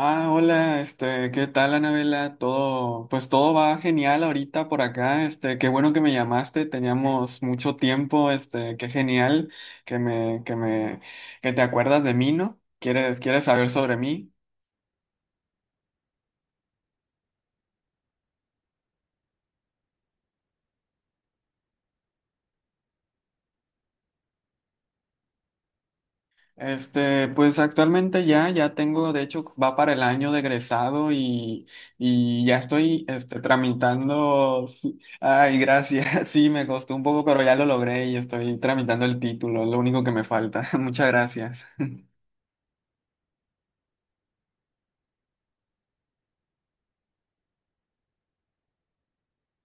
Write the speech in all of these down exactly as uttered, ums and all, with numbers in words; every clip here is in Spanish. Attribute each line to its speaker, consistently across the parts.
Speaker 1: Ah, hola, este, ¿qué tal, Anabela? Todo, pues todo va genial ahorita por acá. Este, qué bueno que me llamaste, teníamos mucho tiempo, este, qué genial que me, que me, que te acuerdas de mí, ¿no? ¿Quieres, quieres saber sobre mí? Este, pues actualmente ya, ya tengo, de hecho, va para el año de egresado, y, y ya estoy, este, tramitando. Sí, ay, gracias. Sí, me costó un poco, pero ya lo logré y estoy tramitando el título, lo único que me falta. Muchas gracias.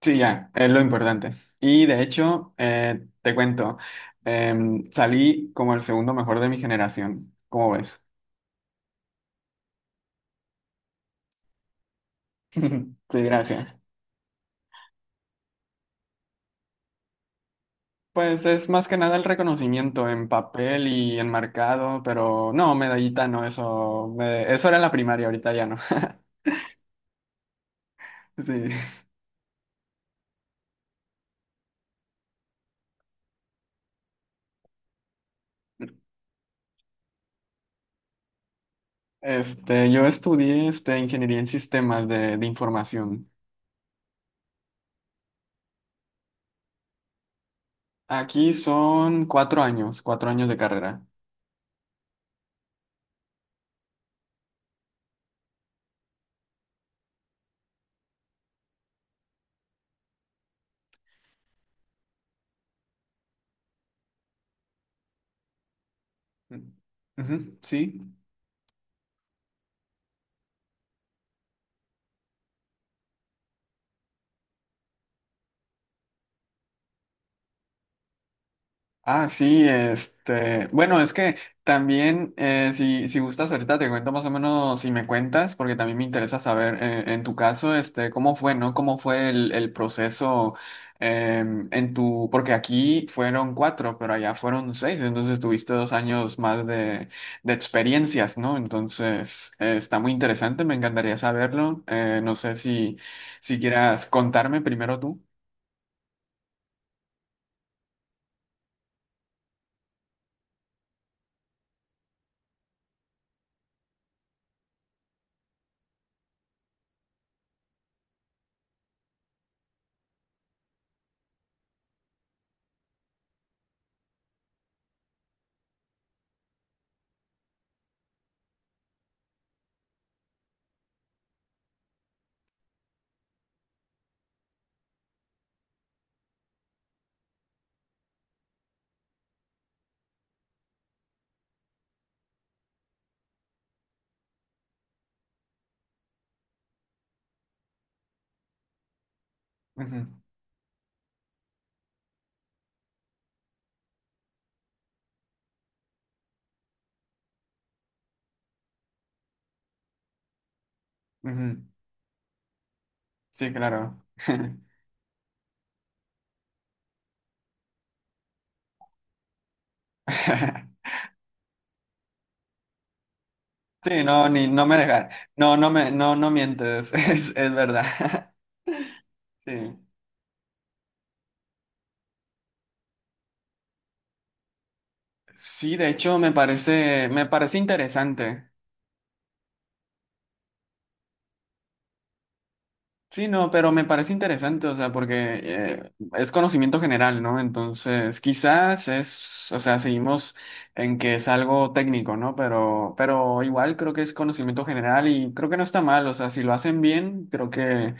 Speaker 1: Sí, ya, es lo importante. Y de hecho, eh, te cuento, em, salí como el segundo mejor de mi generación. ¿Cómo ves? Sí, gracias. Pues es más que nada el reconocimiento en papel y enmarcado, pero no, medallita no, eso, me- eso era en la primaria, ahorita ya no. Sí. Este, yo estudié, este, ingeniería en sistemas de, de información. Aquí son cuatro años, cuatro años de carrera. Ujú. Sí. Ah, sí, este, bueno, es que también, eh, si, si gustas ahorita te cuento más o menos si me cuentas, porque también me interesa saber, eh, en tu caso, este, cómo fue, ¿no? ¿Cómo fue el, el proceso, em, en tu, porque aquí fueron cuatro, pero allá fueron seis, entonces tuviste dos años más de, de experiencias, ¿no? Entonces, eh, está muy interesante, me encantaría saberlo. Eh, no sé si, si quieras contarme primero tú. Ujú, ujú. Sí, claro. Sí, no, ni, no me dejan. No, no me, no, no mientes, es, es verdad. Sí. Sí, de hecho me parece, me parece interesante. Sí, no, pero me parece interesante, o sea, porque, eh, es conocimiento general, ¿no? Entonces, quizás es, o sea, seguimos en que es algo técnico, ¿no? Pero, pero igual creo que es conocimiento general y creo que no está mal, o sea, si lo hacen bien, creo que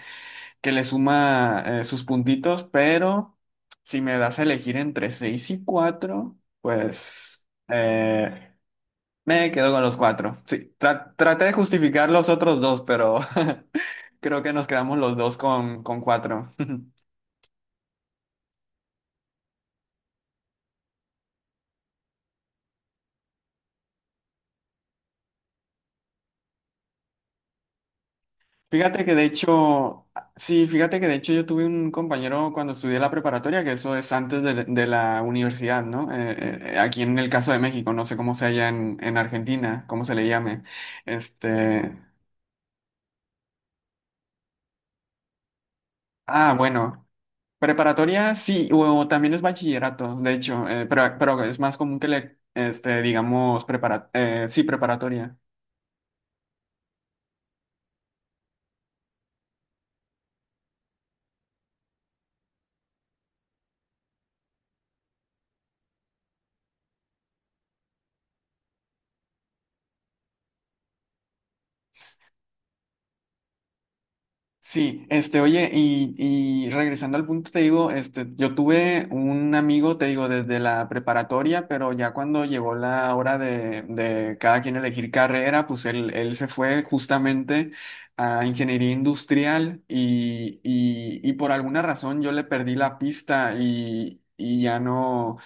Speaker 1: que le suma, eh, sus puntitos, pero si me das a elegir entre seis y cuatro, pues, eh, me quedo con los cuatro. Sí, tra- traté de justificar los otros dos, pero creo que nos quedamos los dos con, con cuatro. Fíjate que de hecho, sí, fíjate que de hecho yo tuve un compañero cuando estudié la preparatoria, que eso es antes de, de la universidad, ¿no? Eh, eh, aquí en el caso de México, no sé cómo sea allá en, en Argentina, cómo se le llame. Este, Ah, bueno, preparatoria sí, o también es bachillerato, de hecho, eh, pero, pero es más común que le, este, digamos, prepara, eh, sí, preparatoria. Sí, este, oye, y, y regresando al punto, te digo, este, yo tuve un amigo, te digo, desde la preparatoria, pero ya cuando llegó la hora de, de cada quien elegir carrera, pues él, él se fue justamente a ingeniería industrial y, y, y por alguna razón yo le perdí la pista y, y ya no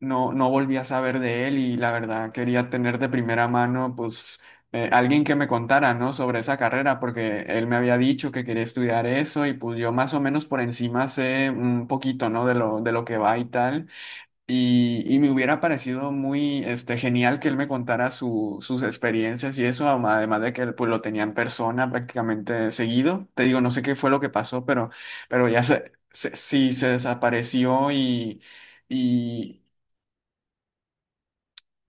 Speaker 1: no, no volví a saber de él, y la verdad quería tener de primera mano, pues, eh, alguien que me contara, ¿no? Sobre esa carrera, porque él me había dicho que quería estudiar eso y pues yo más o menos por encima sé un poquito, ¿no? De lo, de lo que va y tal. Y, y me hubiera parecido muy, este, genial que él me contara su- sus experiencias y eso, ama- además de que él, pues, lo tenía en persona prácticamente seguido. Te digo, no sé qué fue lo que pasó, pero, pero ya se, se- sí, se desapareció y... Y,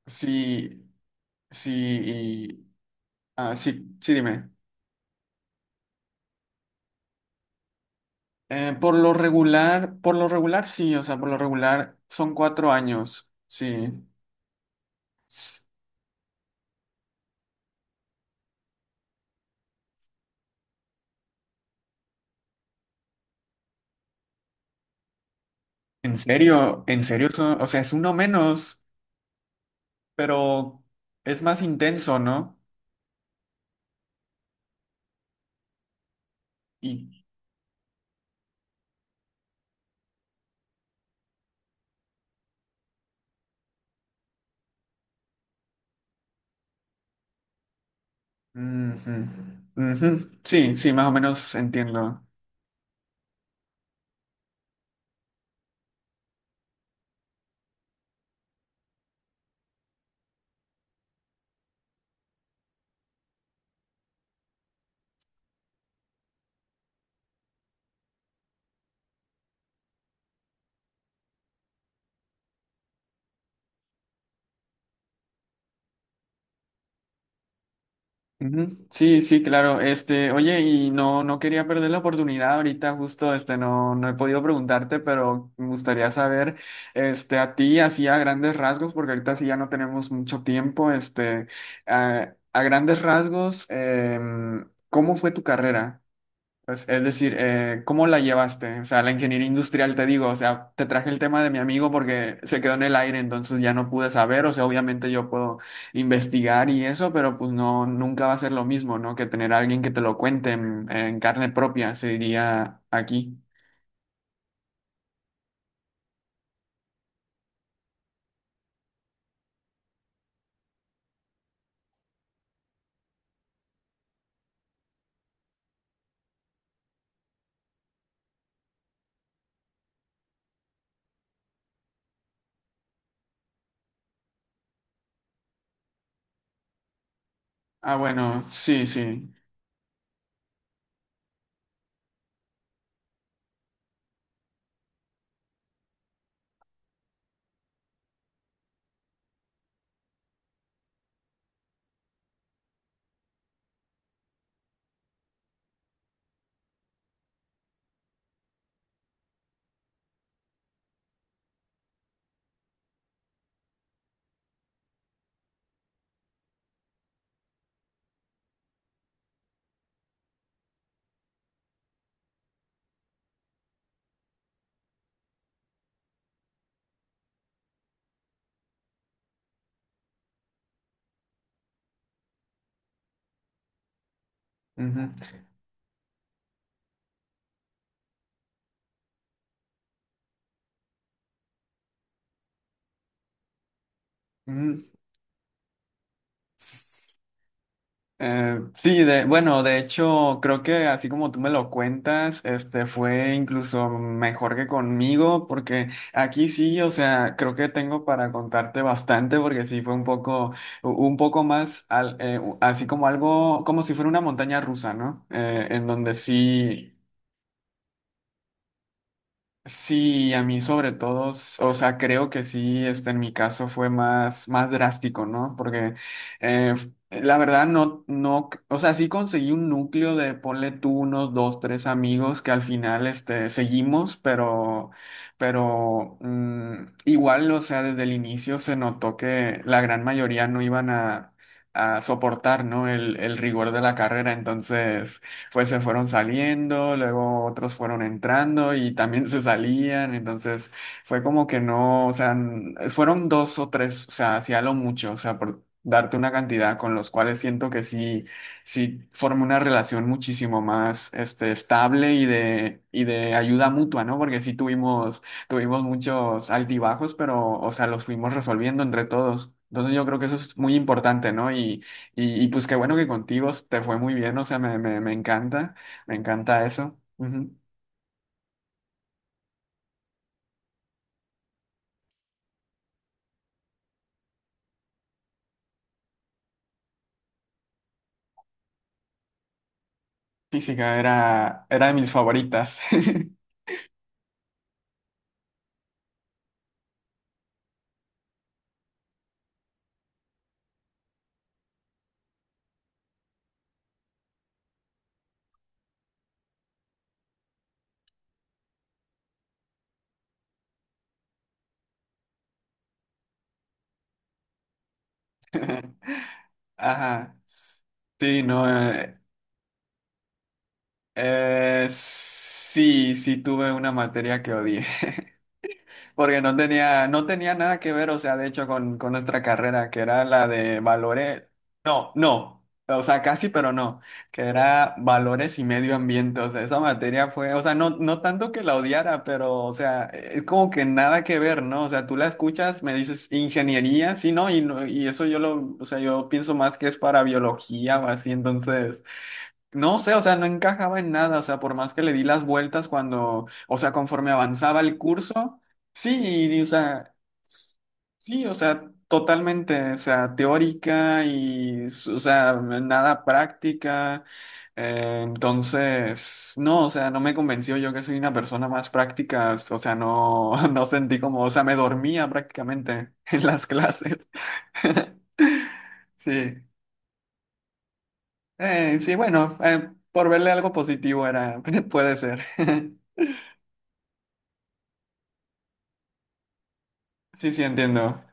Speaker 1: sí, sí, y- ah, sí, sí, dime. Eh, por lo regular, por lo regular sí, o sea, por lo regular son cuatro años, sí. S- En serio, en serio, son- o sea, es uno menos, pero es más intenso, ¿no? Y, ujú, ujú. Sí, sí, más o menos entiendo. Ujú. Sí, sí, claro. Este, oye, y no, no quería perder la oportunidad ahorita, justo, este, no, no he podido preguntarte, pero me gustaría saber, este, a ti, así a grandes rasgos, porque ahorita sí ya no tenemos mucho tiempo, este, a, a grandes rasgos, em, ¿cómo fue tu carrera? Pues, es decir, eh, ¿cómo la llevaste? O sea, la ingeniería industrial, te digo, o sea, te traje el tema de mi amigo porque se quedó en el aire, entonces ya no pude saber. O sea, obviamente yo puedo investigar y eso, pero pues no, nunca va a ser lo mismo, ¿no? Que tener a alguien que te lo cuente en, en carne propia, se diría aquí. Ah, bueno, sí, sí. Ujú. Ujú. Eh, sí, de, bueno, de hecho, creo que así como tú me lo cuentas, este fue incluso mejor que conmigo, porque aquí sí, o sea, creo que tengo para contarte bastante, porque sí fue un poco, u- un poco más, al- eh, u- así como algo, como si fuera una montaña rusa, ¿no? Eh, en donde sí. Sí, a mí sobre todo, s- o sea, creo que sí, este, en mi caso fue más, más drástico, ¿no? Porque, eh, f- la verdad no, no, c- o sea, sí conseguí un núcleo de, ponle tú unos dos, tres amigos que al final, este, seguimos, pero, pero mm, igual, o sea, desde el inicio se notó que la gran mayoría no iban a, a soportar, ¿no? El, el rigor de la carrera, entonces pues se fueron saliendo, luego otros fueron entrando y también se salían, entonces fue como que no, o sea, n- fueron dos o tres, o sea, hacía lo mucho, o sea, por darte una cantidad con los cuales siento que sí, sí formé una relación muchísimo más, este, estable y de, y de ayuda mutua, ¿no? Porque sí tuvimos, tuvimos muchos altibajos, pero, o sea, los fuimos resolviendo entre todos. Entonces yo creo que eso es muy importante, ¿no? Y, y, y pues qué bueno que contigo te fue muy bien, o sea, me, me, me encanta, me encanta eso. Ujú. Física era, era de mis favoritas. Ajá. Sí, no, eh, eh, sí, sí tuve una materia que odié. Porque no tenía, no tenía nada que ver, o sea, de hecho, con, con nuestra carrera, que era la de valores, no, no, o sea, casi, pero no, que era valores y medio ambiente. O sea, esa materia fue, o sea, no, no tanto que la odiara, pero, o sea, es como que nada que ver, ¿no? O sea, tú la escuchas, me dices ingeniería, sí, ¿no? Y, no- y eso yo lo, o sea, yo pienso más que es para biología o así, entonces... No sé, o sea, no encajaba en nada, o sea, por más que le di las vueltas cuando, o sea, conforme avanzaba el curso, sí, y, o sea, sí, o sea, totalmente, o sea, teórica y, o sea, nada práctica. Eh, entonces, no, o sea, no me convenció, yo que soy una persona más práctica, o sea, no, no sentí como, o sea, me dormía prácticamente en las clases. Sí. Eh, sí, bueno, eh, por verle algo positivo era, puede ser. Sí, sí, entiendo.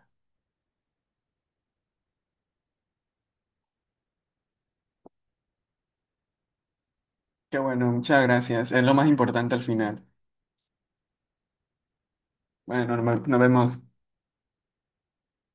Speaker 1: Qué bueno, muchas gracias. Es lo más importante al final. Bueno, nos nos vemos.